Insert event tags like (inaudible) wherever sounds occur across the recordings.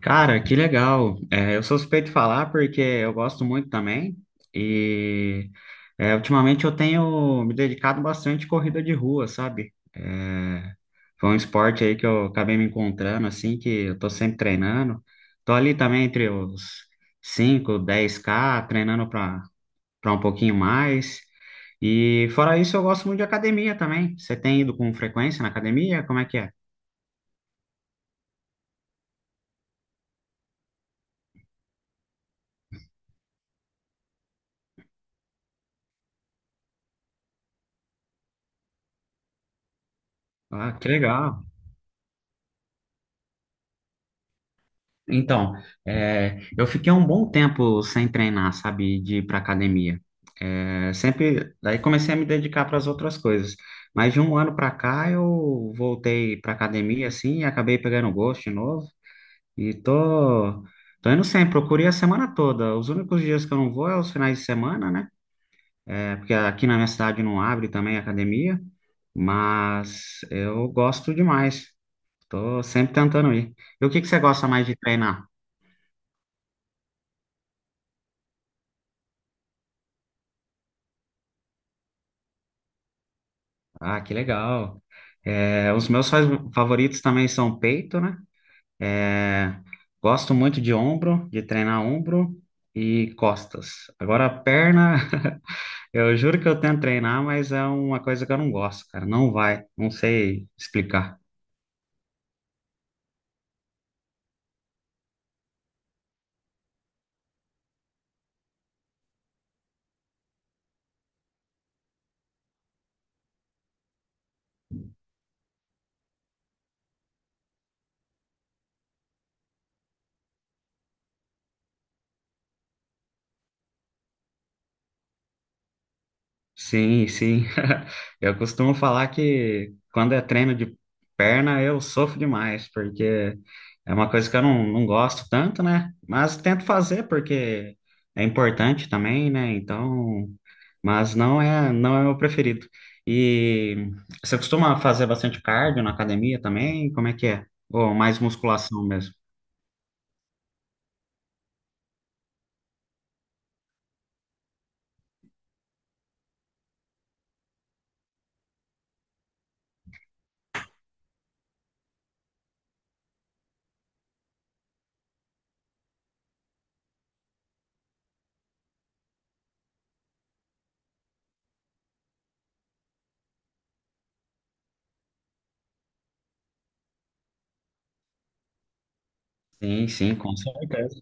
Cara, que legal. É, eu sou suspeito de falar porque eu gosto muito também. E é, ultimamente eu tenho me dedicado bastante à corrida de rua, sabe? É, foi um esporte aí que eu acabei me encontrando, assim, que eu tô sempre treinando. Tô ali também entre os 5K, 10K treinando para um pouquinho mais. E fora isso, eu gosto muito de academia também. Você tem ido com frequência na academia? Como é que é? Ah, que legal. Então, é, eu fiquei um bom tempo sem treinar, sabe, de ir para academia. É, sempre, daí comecei a me dedicar para as outras coisas. Mas de um ano para cá eu voltei para academia, assim, e acabei pegando gosto de novo. E tô indo sempre, procurei a semana toda. Os únicos dias que eu não vou é os finais de semana, né? É, porque aqui na minha cidade não abre também academia, mas eu gosto demais. Tô sempre tentando ir. E o que que você gosta mais de treinar? Ah, que legal. É, os meus favoritos também são peito, né? É, gosto muito de ombro, de treinar ombro e costas. Agora, perna, (laughs) eu juro que eu tento treinar, mas é uma coisa que eu não gosto, cara. Não vai, não sei explicar. Sim, sim. (laughs) Eu costumo falar que quando é treino de perna eu sofro demais, porque é uma coisa que eu não gosto tanto, né? Mas tento fazer porque é importante também, né? Então, mas não é o meu preferido. E você costuma fazer bastante cardio na academia também? Como é que é? Ou mais musculação mesmo? Sim, sim, com certeza.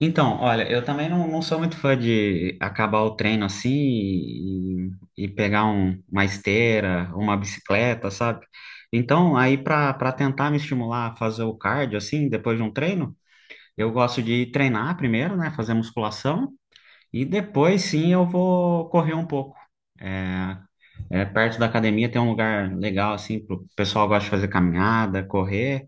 Então, olha, eu também não sou muito fã de acabar o treino assim e pegar uma esteira, uma bicicleta, sabe? Então, aí para tentar me estimular a fazer o cardio assim, depois de um treino, eu gosto de treinar primeiro, né, fazer musculação e depois sim eu vou correr um pouco. É, é, perto da academia tem um lugar legal assim, pro o pessoal gosta de fazer caminhada, correr.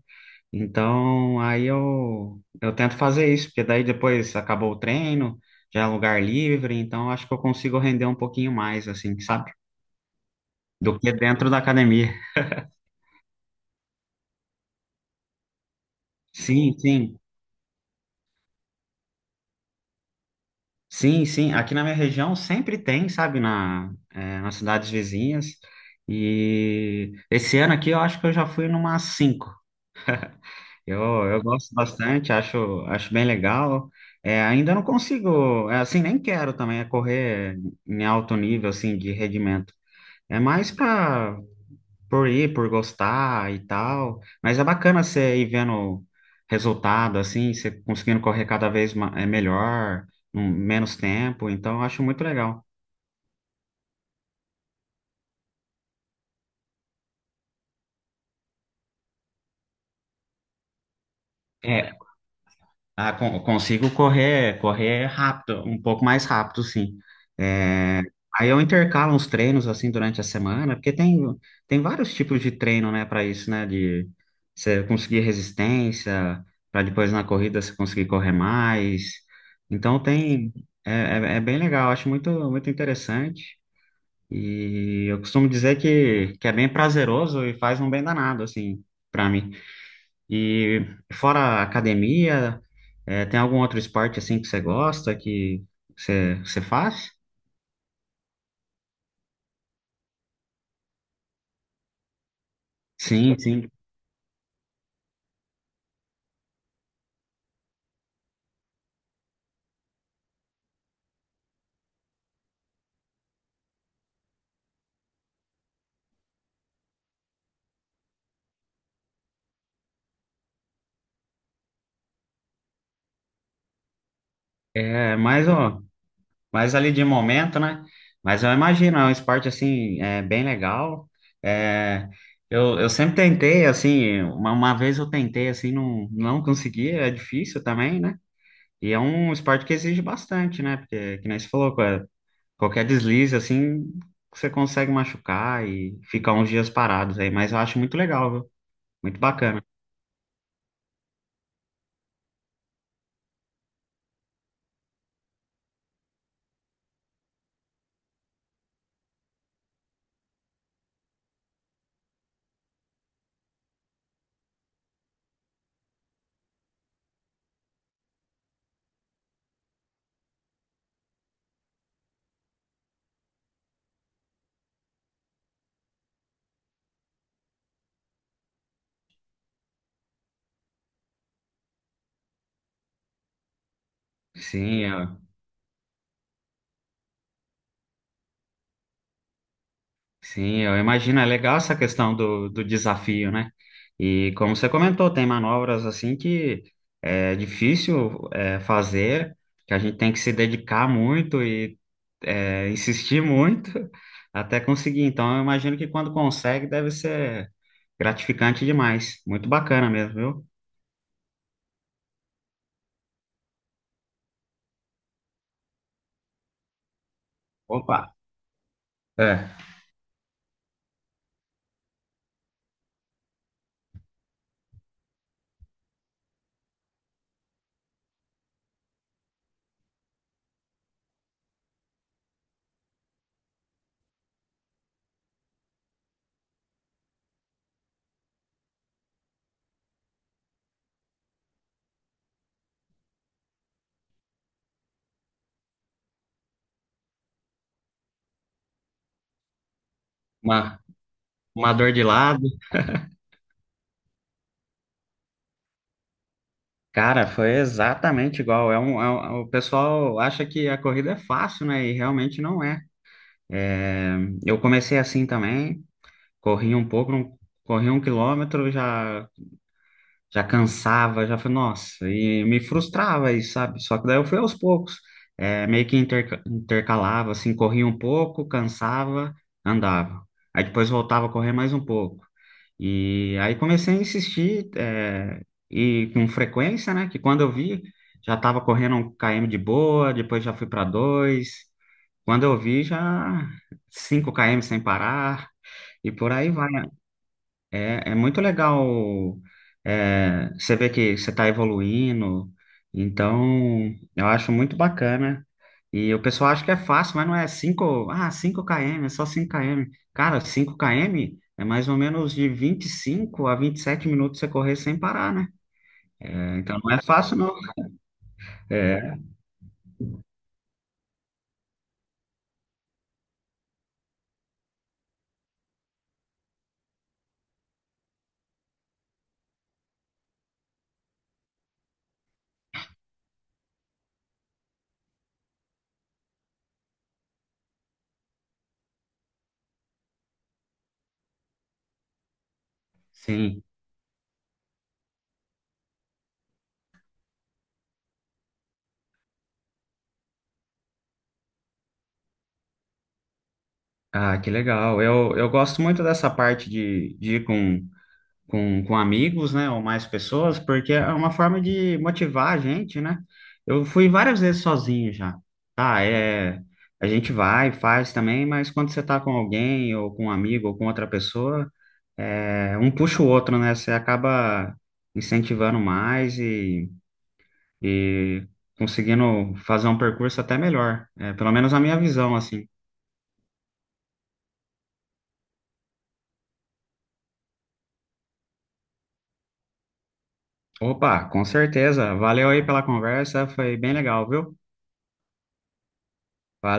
Então, aí eu tento fazer isso, porque daí depois acabou o treino, já é um lugar livre, então acho que eu consigo render um pouquinho mais, assim, sabe? Do que dentro da academia. Sim, sim, sim, sim. Aqui na minha região sempre tem, sabe? Nas cidades vizinhas. E esse ano aqui eu acho que eu já fui numa cinco. Eu gosto bastante, acho bem legal. É, ainda não consigo, é, assim, nem quero também é correr em alto nível, assim, de rendimento. É mais pra por ir, por gostar e tal. Mas é bacana você ir vendo resultado, assim, você conseguindo correr cada vez melhor, menos tempo. Então, eu acho muito legal. É, Ah, consigo correr rápido, um pouco mais rápido, sim. É, aí eu intercalo uns treinos assim durante a semana, porque tem vários tipos de treino, né, para isso, né, de você conseguir resistência, para depois na corrida você conseguir correr mais. Então tem, é, é bem legal, acho muito, muito interessante. E eu costumo dizer que é bem prazeroso e faz um bem danado, assim, para mim. E fora a academia, é, tem algum outro esporte assim que você gosta, que você faz? Sim, sim. É, ó, mas ali de momento, né? Mas eu imagino, é um esporte assim, é, bem legal. É, eu sempre tentei, assim, uma vez eu tentei, assim, não consegui, é difícil também, né? E é um esporte que exige bastante, né? Porque, que nem você falou, qualquer deslize, assim, você consegue machucar e ficar uns dias parados aí. Mas eu acho muito legal, viu? Muito bacana. Sim, eu, sim, eu imagino. É legal essa questão do desafio, né? E como você comentou, tem manobras assim que é difícil fazer, que a gente tem que se dedicar muito e insistir muito (laughs) até conseguir. Então, eu imagino que quando consegue, deve ser gratificante demais. Muito bacana mesmo, viu? Opa! É. Uma, uma dor de lado. Cara, foi exatamente igual. O pessoal acha que a corrida é fácil, né? E realmente não é. É, eu comecei assim também, corri um pouco, corri 1 km, já, já cansava, já foi, nossa, e me frustrava isso, sabe? Só que daí eu fui aos poucos, é, meio que intercalava, assim, corria um pouco, cansava, andava. Aí depois voltava a correr mais um pouco. E aí comecei a insistir, e com frequência, né? Que quando eu vi, já estava correndo um km de boa, depois já fui para dois. Quando eu vi, já 5 km sem parar, e por aí vai. É, é muito legal, é, você ver que você está evoluindo. Então, eu acho muito bacana e o pessoal acha que é fácil, mas não é 5 km, é só 5 km. Cara, 5 km é mais ou menos de 25 a 27 minutos você correr sem parar, né? É, então não é fácil, não. É, sim. Ah, que legal. Eu gosto muito dessa parte de ir com amigos, né, ou mais pessoas, porque é uma forma de motivar a gente, né? Eu fui várias vezes sozinho já. Tá, é. A gente vai, faz também, mas quando você tá com alguém, ou com um amigo, ou com outra pessoa. É, um puxa o outro, né? Você acaba incentivando mais e conseguindo fazer um percurso até melhor. É, pelo menos a minha visão, assim. Opa, com certeza. Valeu aí pela conversa, foi bem legal, viu? Valeu.